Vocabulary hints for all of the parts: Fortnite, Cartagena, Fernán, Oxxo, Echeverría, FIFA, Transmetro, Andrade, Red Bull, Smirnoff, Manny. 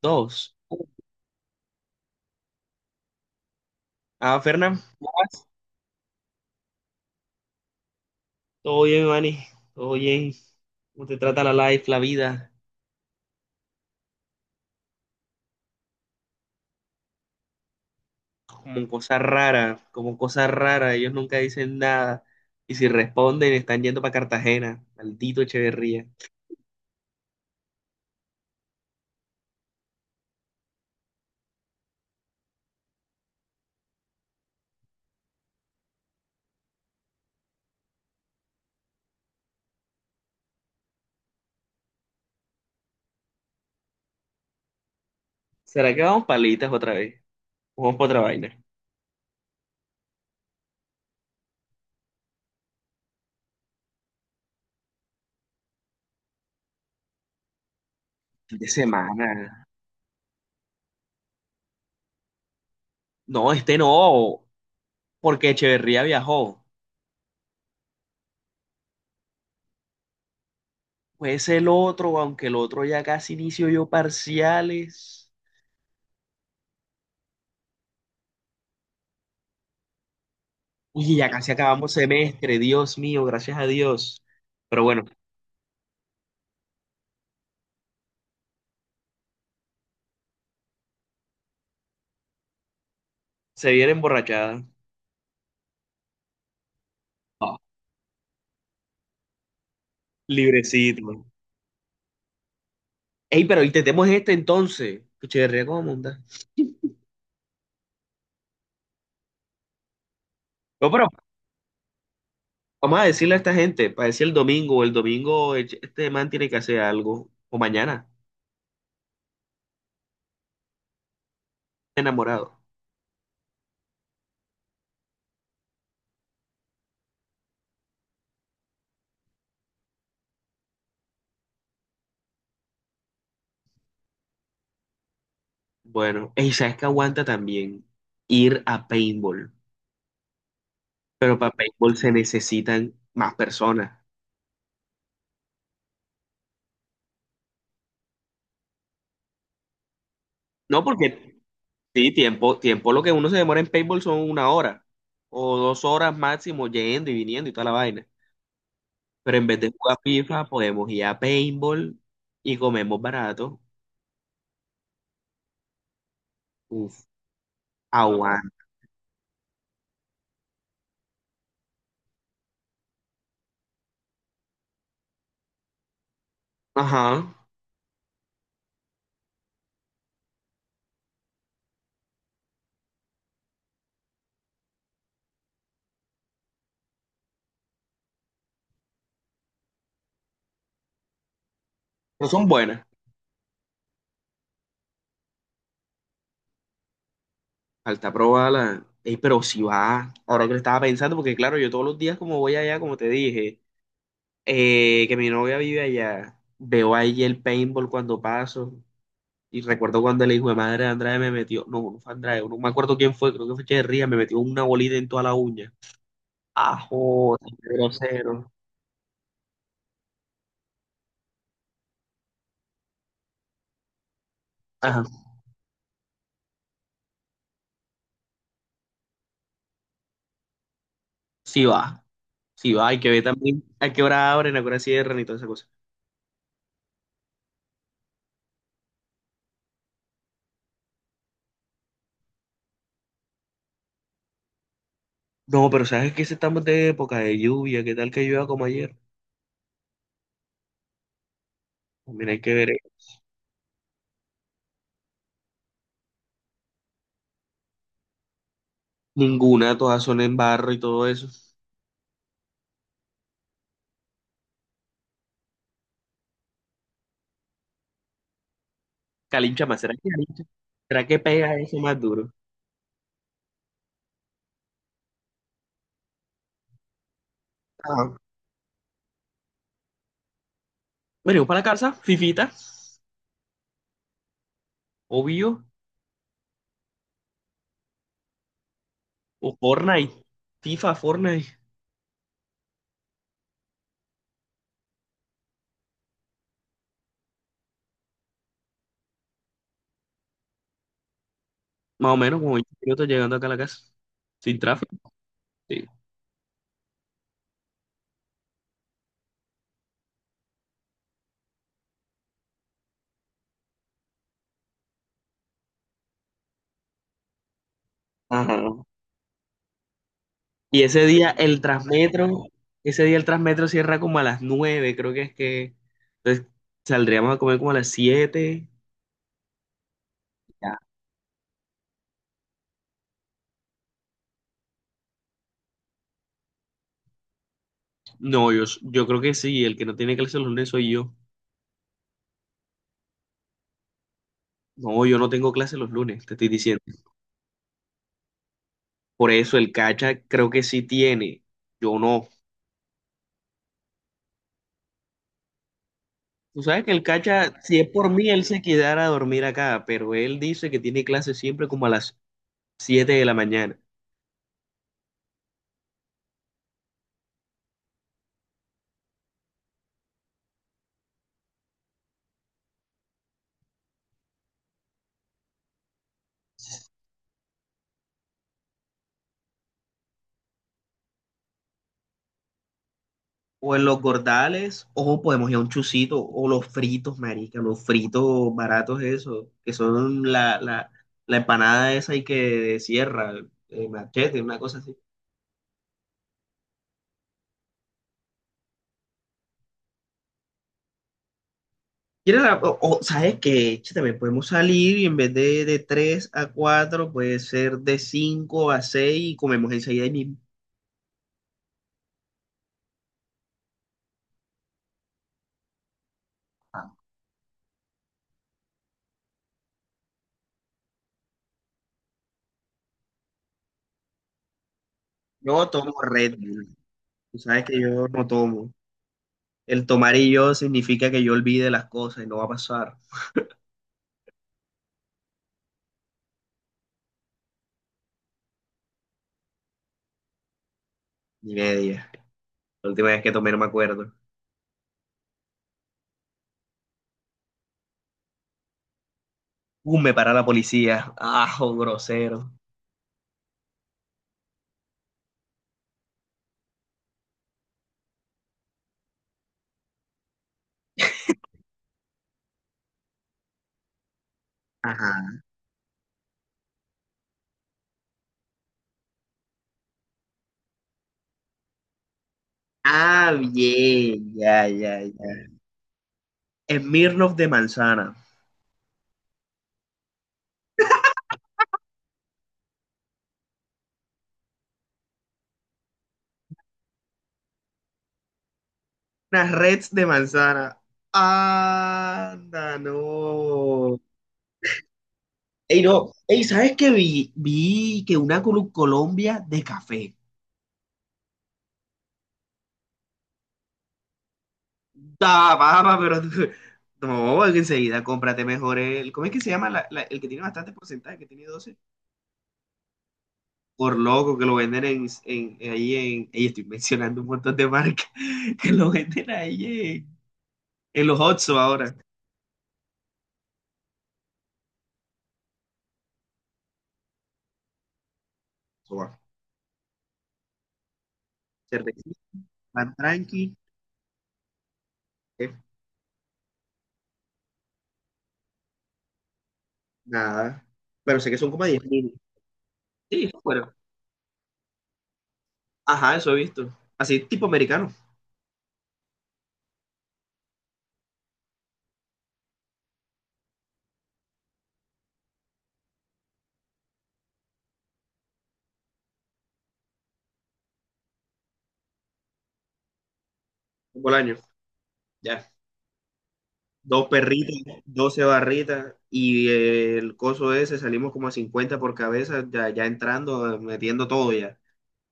Dos. Ah, Fernán, ¿cómo vas? Todo bien, Manny. Todo bien. ¿Cómo te trata la life, la vida? Como cosa rara, como cosa rara. Ellos nunca dicen nada. Y si responden, están yendo para Cartagena. Maldito Echeverría. ¿Será que vamos palitas otra vez? Vamos para otra vaina. Fin de semana. No, este no, porque Echeverría viajó. Pues el otro, aunque el otro ya casi inicio yo parciales. Uy, ya casi acabamos semestre, Dios mío, gracias a Dios. Pero bueno, se viene emborrachada. Ah, librecito. Ey, pero intentemos este entonces. Cuchiverría como monta. No, pero vamos a decirle a esta gente, para decir el domingo, el domingo el este man tiene que hacer algo. O mañana, enamorado. Bueno, ey, ¿sabes que aguanta también? Ir a paintball. Pero para paintball se necesitan más personas. No porque Sí, tiempo, tiempo lo que uno se demora en paintball son 1 hora o 2 horas máximo yendo y viniendo y toda la vaina. Pero en vez de jugar FIFA, podemos ir a paintball y comemos barato. Uf, aguanta. Ajá, no son buenas. Falta probarlas. Ey, pero si va, ahora que lo estaba pensando, porque claro, yo todos los días como voy allá, como te dije, que mi novia vive allá, veo ahí el paintball cuando paso. Y recuerdo cuando el hijo de madre de Andrade me metió, no, no fue Andrade, no me acuerdo quién fue, creo que fue Echeverría, me metió una bolita en toda la uña. Ajo, qué grosero. Ajá. Sí va, sí va, hay que ver también a qué hora abren, a qué hora cierran y toda esa cosa. No, pero sabes que estamos de época de lluvia, qué tal que llueva como ayer. También hay que ver. Ninguna, todas son en barro y todo eso. Calincha más, ¿será que calincha? ¿Será que pega eso más duro? Ajá. Venimos para la casa, Fifita, obvio, o Fortnite, FIFA, Fortnite. Más o menos como 20 minutos llegando acá a la casa. Sin tráfico, sí. Ajá. Y ese día el Transmetro, ese día el Transmetro cierra como a las 9 creo que es que. Entonces saldríamos a comer como a las 7. Ya. No, yo creo que sí, el que no tiene clase los lunes soy yo. No, yo no tengo clase los lunes, te estoy diciendo. Por eso el Cacha creo que sí tiene, yo no. Tú sabes que el Cacha, si es por mí, él se quedara a dormir acá, pero él dice que tiene clase siempre como a las 7 de la mañana. O en los gordales, o podemos ir a un chucito, o los fritos, marica, los fritos baratos esos, que son la empanada esa y que cierra, machete, una cosa así. ¿Quieres o, ¿sabes qué? Che, también podemos salir y en vez de 3 a 4 puede ser de 5 a 6 y comemos enseguida ahí mismo. Yo tomo Red Bull. Tú sabes que yo no tomo. El tomar y yo significa que yo olvide las cosas y no va a pasar ni media. La última vez que tomé no me acuerdo. Me para la policía. Ajo, grosero. Ajá. Ah, bien, ya, ya, ya. Smirnoff de manzana. Unas reds de manzana. Anda, no. Ey, no. Ey, ¿sabes qué vi? Vi que una Colombia de café. Da, papa, pero tú- no, enseguida cómprate mejor el. ¿Cómo es que se llama el que tiene bastante porcentaje, que tiene 12? Por loco que lo venden ahí estoy mencionando un montón de marcas, que lo venden ahí en, en los Oxxo ahora. Toma. Cervecita, van tranqui, eh, nada. Pero sé que son como 10.000. Sí, bueno. Ajá, eso he visto. Así tipo americano, un bolaño. Ya. Dos perritas, 12 barritas y el coso ese salimos como a 50 por cabeza, ya, ya entrando, metiendo todo ya.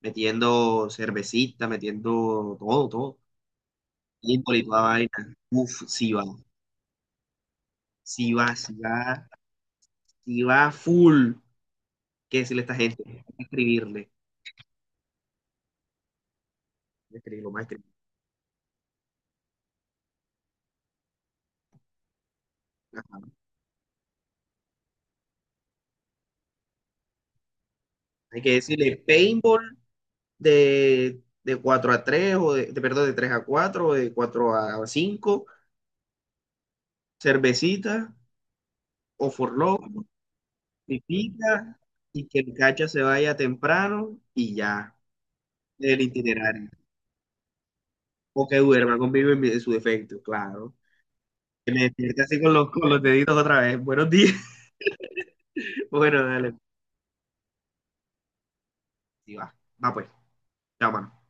Metiendo cervecita, metiendo todo, todo. Híjole, y toda vaina. Uf, sí va, sí va, sí va, sí va full. ¿Qué decirle a esta gente? Hay que escribirle, hay que escribirlo, más escribirlo. Ajá. Hay que decirle paintball de 4 a 3 o perdón, de 3 a 4 o de 4 a 5, cervecita, o forló, pipita, y que el cacha se vaya temprano y ya, el itinerario. O que duerma conmigo en en su defecto, claro. Despierte así con los, deditos otra vez. Buenos días. Bueno, dale. Sí, va. Va pues. Chao, mano.